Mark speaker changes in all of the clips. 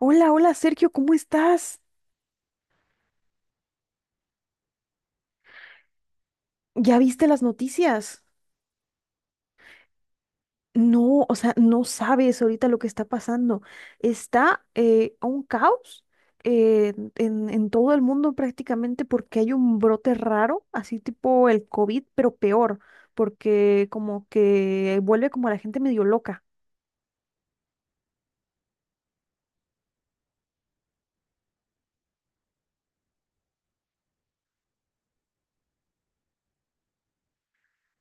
Speaker 1: Hola, hola Sergio, ¿cómo estás? ¿Ya viste las noticias? No, o sea, no sabes ahorita lo que está pasando. Está un caos en todo el mundo prácticamente porque hay un brote raro, así tipo el COVID, pero peor, porque como que vuelve como a la gente medio loca.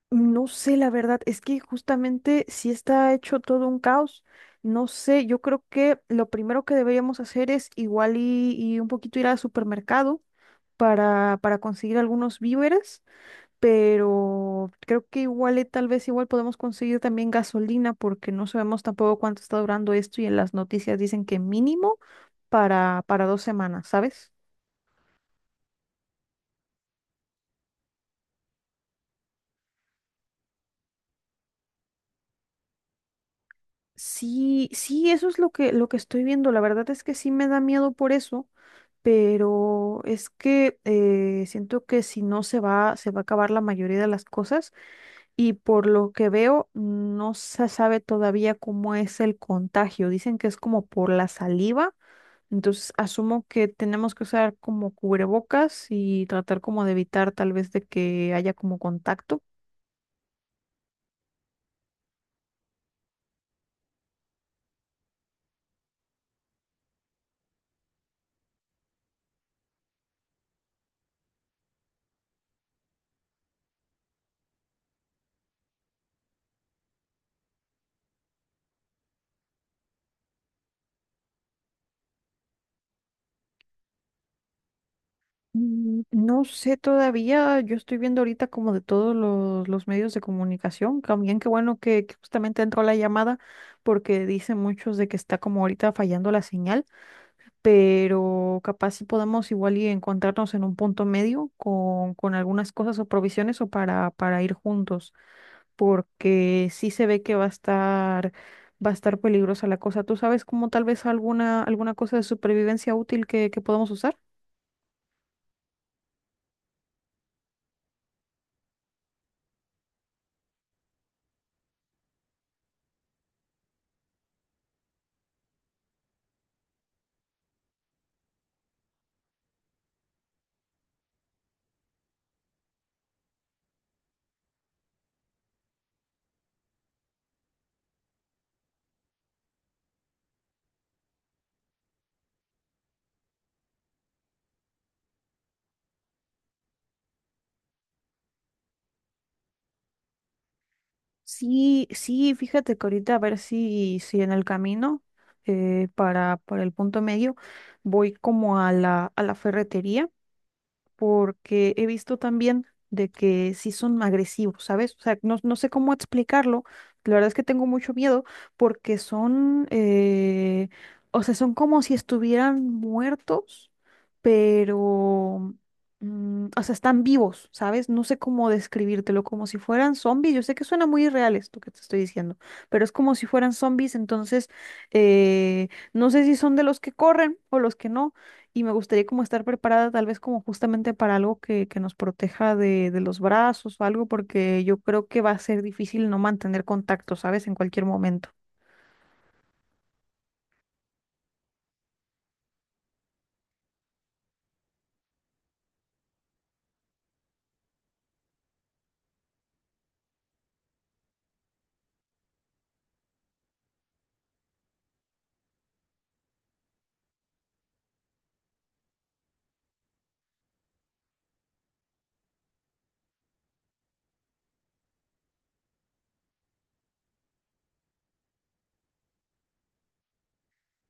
Speaker 1: No sé, la verdad, es que justamente sí está hecho todo un caos. No sé, yo creo que lo primero que deberíamos hacer es igual y un poquito ir al supermercado para conseguir algunos víveres, pero creo que igual y tal vez igual podemos conseguir también gasolina porque no sabemos tampoco cuánto está durando esto y en las noticias dicen que mínimo para 2 semanas, ¿sabes? Sí, sí, eso es lo que estoy viendo. La verdad es que sí me da miedo por eso, pero es que siento que si no se va, se va a acabar la mayoría de las cosas y por lo que veo no se sabe todavía cómo es el contagio. Dicen que es como por la saliva, entonces asumo que tenemos que usar como cubrebocas y tratar como de evitar tal vez de que haya como contacto. No sé todavía, yo estoy viendo ahorita como de todos los medios de comunicación, también qué bueno que justamente entró la llamada porque dicen muchos de que está como ahorita fallando la señal, pero capaz si podemos igual y encontrarnos en un punto medio con algunas cosas o provisiones o para ir juntos, porque sí se ve que va a estar peligrosa la cosa. ¿Tú sabes como tal vez alguna, alguna cosa de supervivencia útil que podamos usar? Sí, sí, fíjate que ahorita a ver si, si en el camino para el punto medio voy como a la ferretería porque he visto también de que sí son agresivos, ¿sabes? O sea, no, no sé cómo explicarlo. La verdad es que tengo mucho miedo porque son, o sea, son como si estuvieran muertos, pero, o sea, están vivos, ¿sabes? No sé cómo describírtelo, como si fueran zombies. Yo sé que suena muy irreal esto que te estoy diciendo, pero es como si fueran zombies, entonces, no sé si son de los que corren o los que no, y me gustaría como estar preparada tal vez como justamente para algo que nos proteja de los brazos o algo, porque yo creo que va a ser difícil no mantener contacto, ¿sabes? En cualquier momento.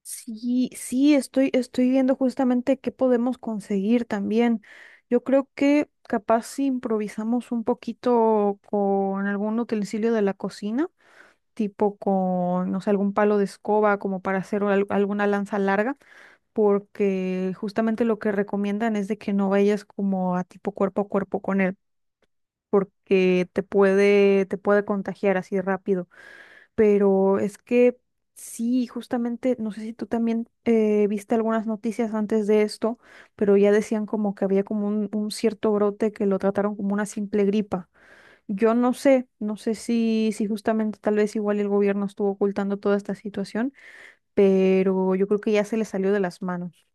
Speaker 1: Sí, sí, estoy viendo justamente qué podemos conseguir también. Yo creo que capaz si improvisamos un poquito con algún utensilio de la cocina, tipo con, no sé, algún palo de escoba como para hacer alguna lanza larga, porque justamente lo que recomiendan es de que no vayas como a tipo cuerpo a cuerpo con él, porque te puede contagiar así rápido. Pero es que sí, justamente, no sé si tú también viste algunas noticias antes de esto, pero ya decían como que había como un cierto brote que lo trataron como una simple gripa. Yo no sé, no sé si, si justamente tal vez igual el gobierno estuvo ocultando toda esta situación, pero yo creo que ya se le salió de las manos.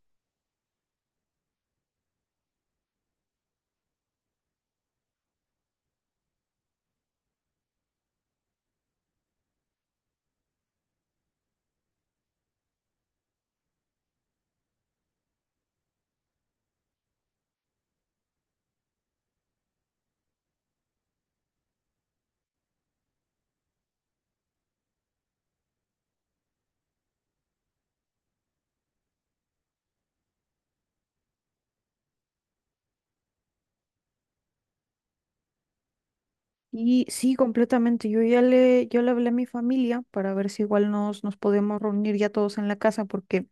Speaker 1: Y sí, completamente. Yo le hablé a mi familia para ver si igual nos, nos podemos reunir ya todos en la casa, porque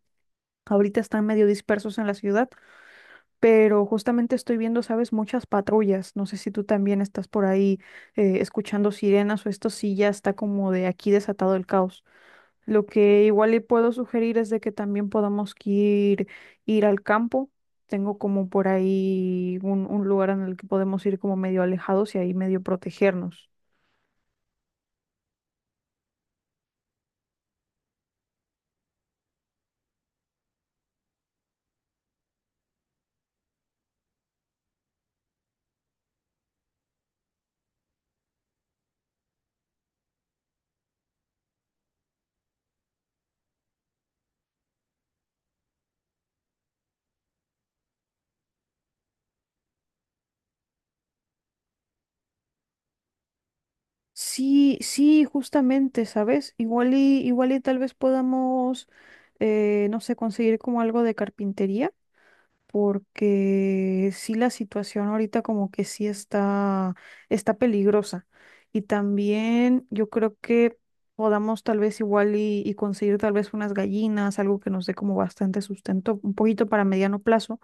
Speaker 1: ahorita están medio dispersos en la ciudad, pero justamente estoy viendo, sabes, muchas patrullas. No sé si tú también estás por ahí escuchando sirenas o esto sí ya está como de aquí desatado el caos. Lo que igual le puedo sugerir es de que también podamos que ir, ir al campo. Tengo como por ahí un lugar en el que podemos ir como medio alejados y ahí medio protegernos. Sí, sí, justamente, ¿sabes? Igual y, igual y tal vez podamos, no sé, conseguir como algo de carpintería, porque sí la situación ahorita como que sí está, está peligrosa. Y también yo creo que podamos tal vez igual y conseguir tal vez unas gallinas, algo que nos dé como bastante sustento, un poquito para mediano plazo,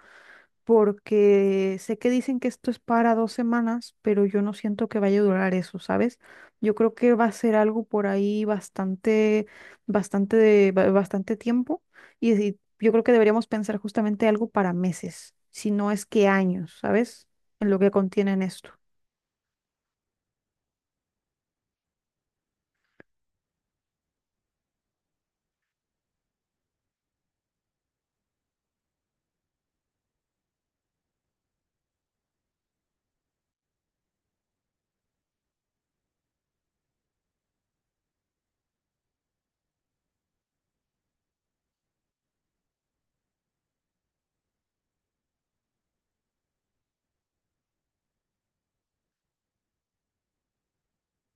Speaker 1: porque sé que dicen que esto es para 2 semanas, pero yo no siento que vaya a durar eso, ¿sabes? Yo creo que va a ser algo por ahí bastante, bastante, bastante tiempo, y yo creo que deberíamos pensar justamente algo para meses, si no es que años, ¿sabes? En lo que contienen esto.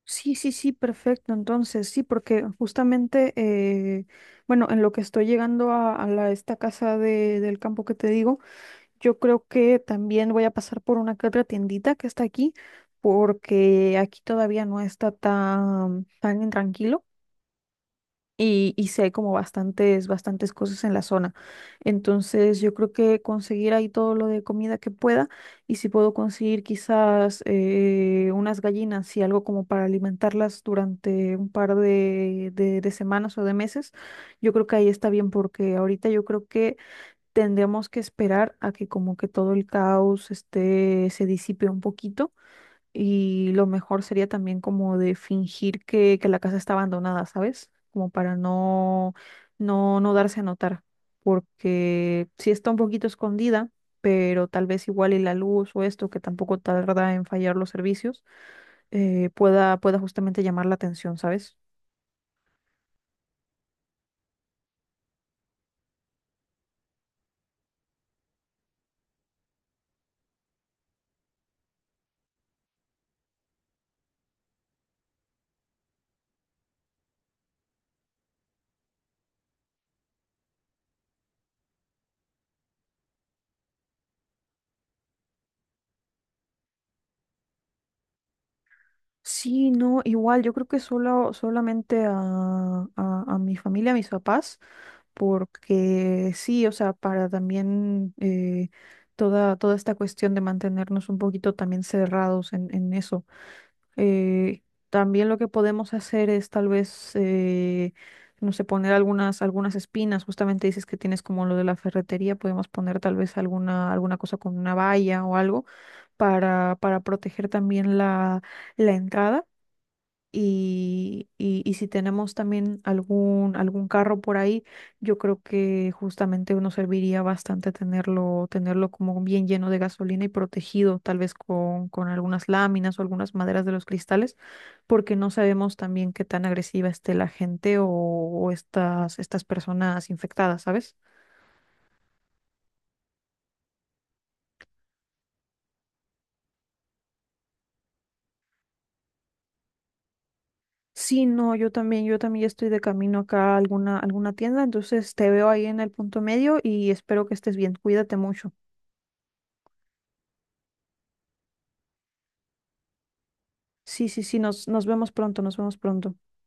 Speaker 1: Sí, sí, sí, perfecto. Entonces, sí, porque justamente, bueno, en lo que estoy llegando a la, esta casa del campo que te digo, yo creo que también voy a pasar por una que otra tiendita que está aquí, porque aquí todavía no está tan, tan tranquilo, y sí hay como bastantes, bastantes cosas en la zona. Entonces yo creo que conseguir ahí todo lo de comida que pueda, y si puedo conseguir quizás unas gallinas y algo como para alimentarlas durante un par de semanas o de meses, yo creo que ahí está bien porque ahorita yo creo que tendremos que esperar a que como que todo el caos este, se disipe un poquito, y lo mejor sería también como de fingir que la casa está abandonada, ¿sabes? Como para no, no, no darse a notar, porque sí está un poquito escondida, pero tal vez igual y la luz o esto, que tampoco tarda en fallar los servicios, pueda, pueda justamente llamar la atención, ¿sabes? Sí, no, igual, yo creo que solo, solamente a mi familia, a mis papás, porque sí, o sea, para también toda, toda esta cuestión de mantenernos un poquito también cerrados en eso. Eh, también lo que podemos hacer es tal vez, no sé, poner algunas, algunas espinas, justamente dices que tienes como lo de la ferretería, podemos poner tal vez alguna, alguna cosa con una valla o algo para proteger también la entrada. Y si tenemos también algún, algún carro por ahí, yo creo que justamente nos serviría bastante tenerlo, tenerlo como bien lleno de gasolina y protegido, tal vez con algunas láminas o algunas maderas de los cristales, porque no sabemos también qué tan agresiva esté la gente o estas, estas personas infectadas, ¿sabes? Sí, no, yo también ya estoy de camino acá a alguna, alguna tienda, entonces te veo ahí en el punto medio y espero que estés bien. Cuídate mucho. Sí, sí, sí, nos, nos vemos pronto, nos vemos pronto.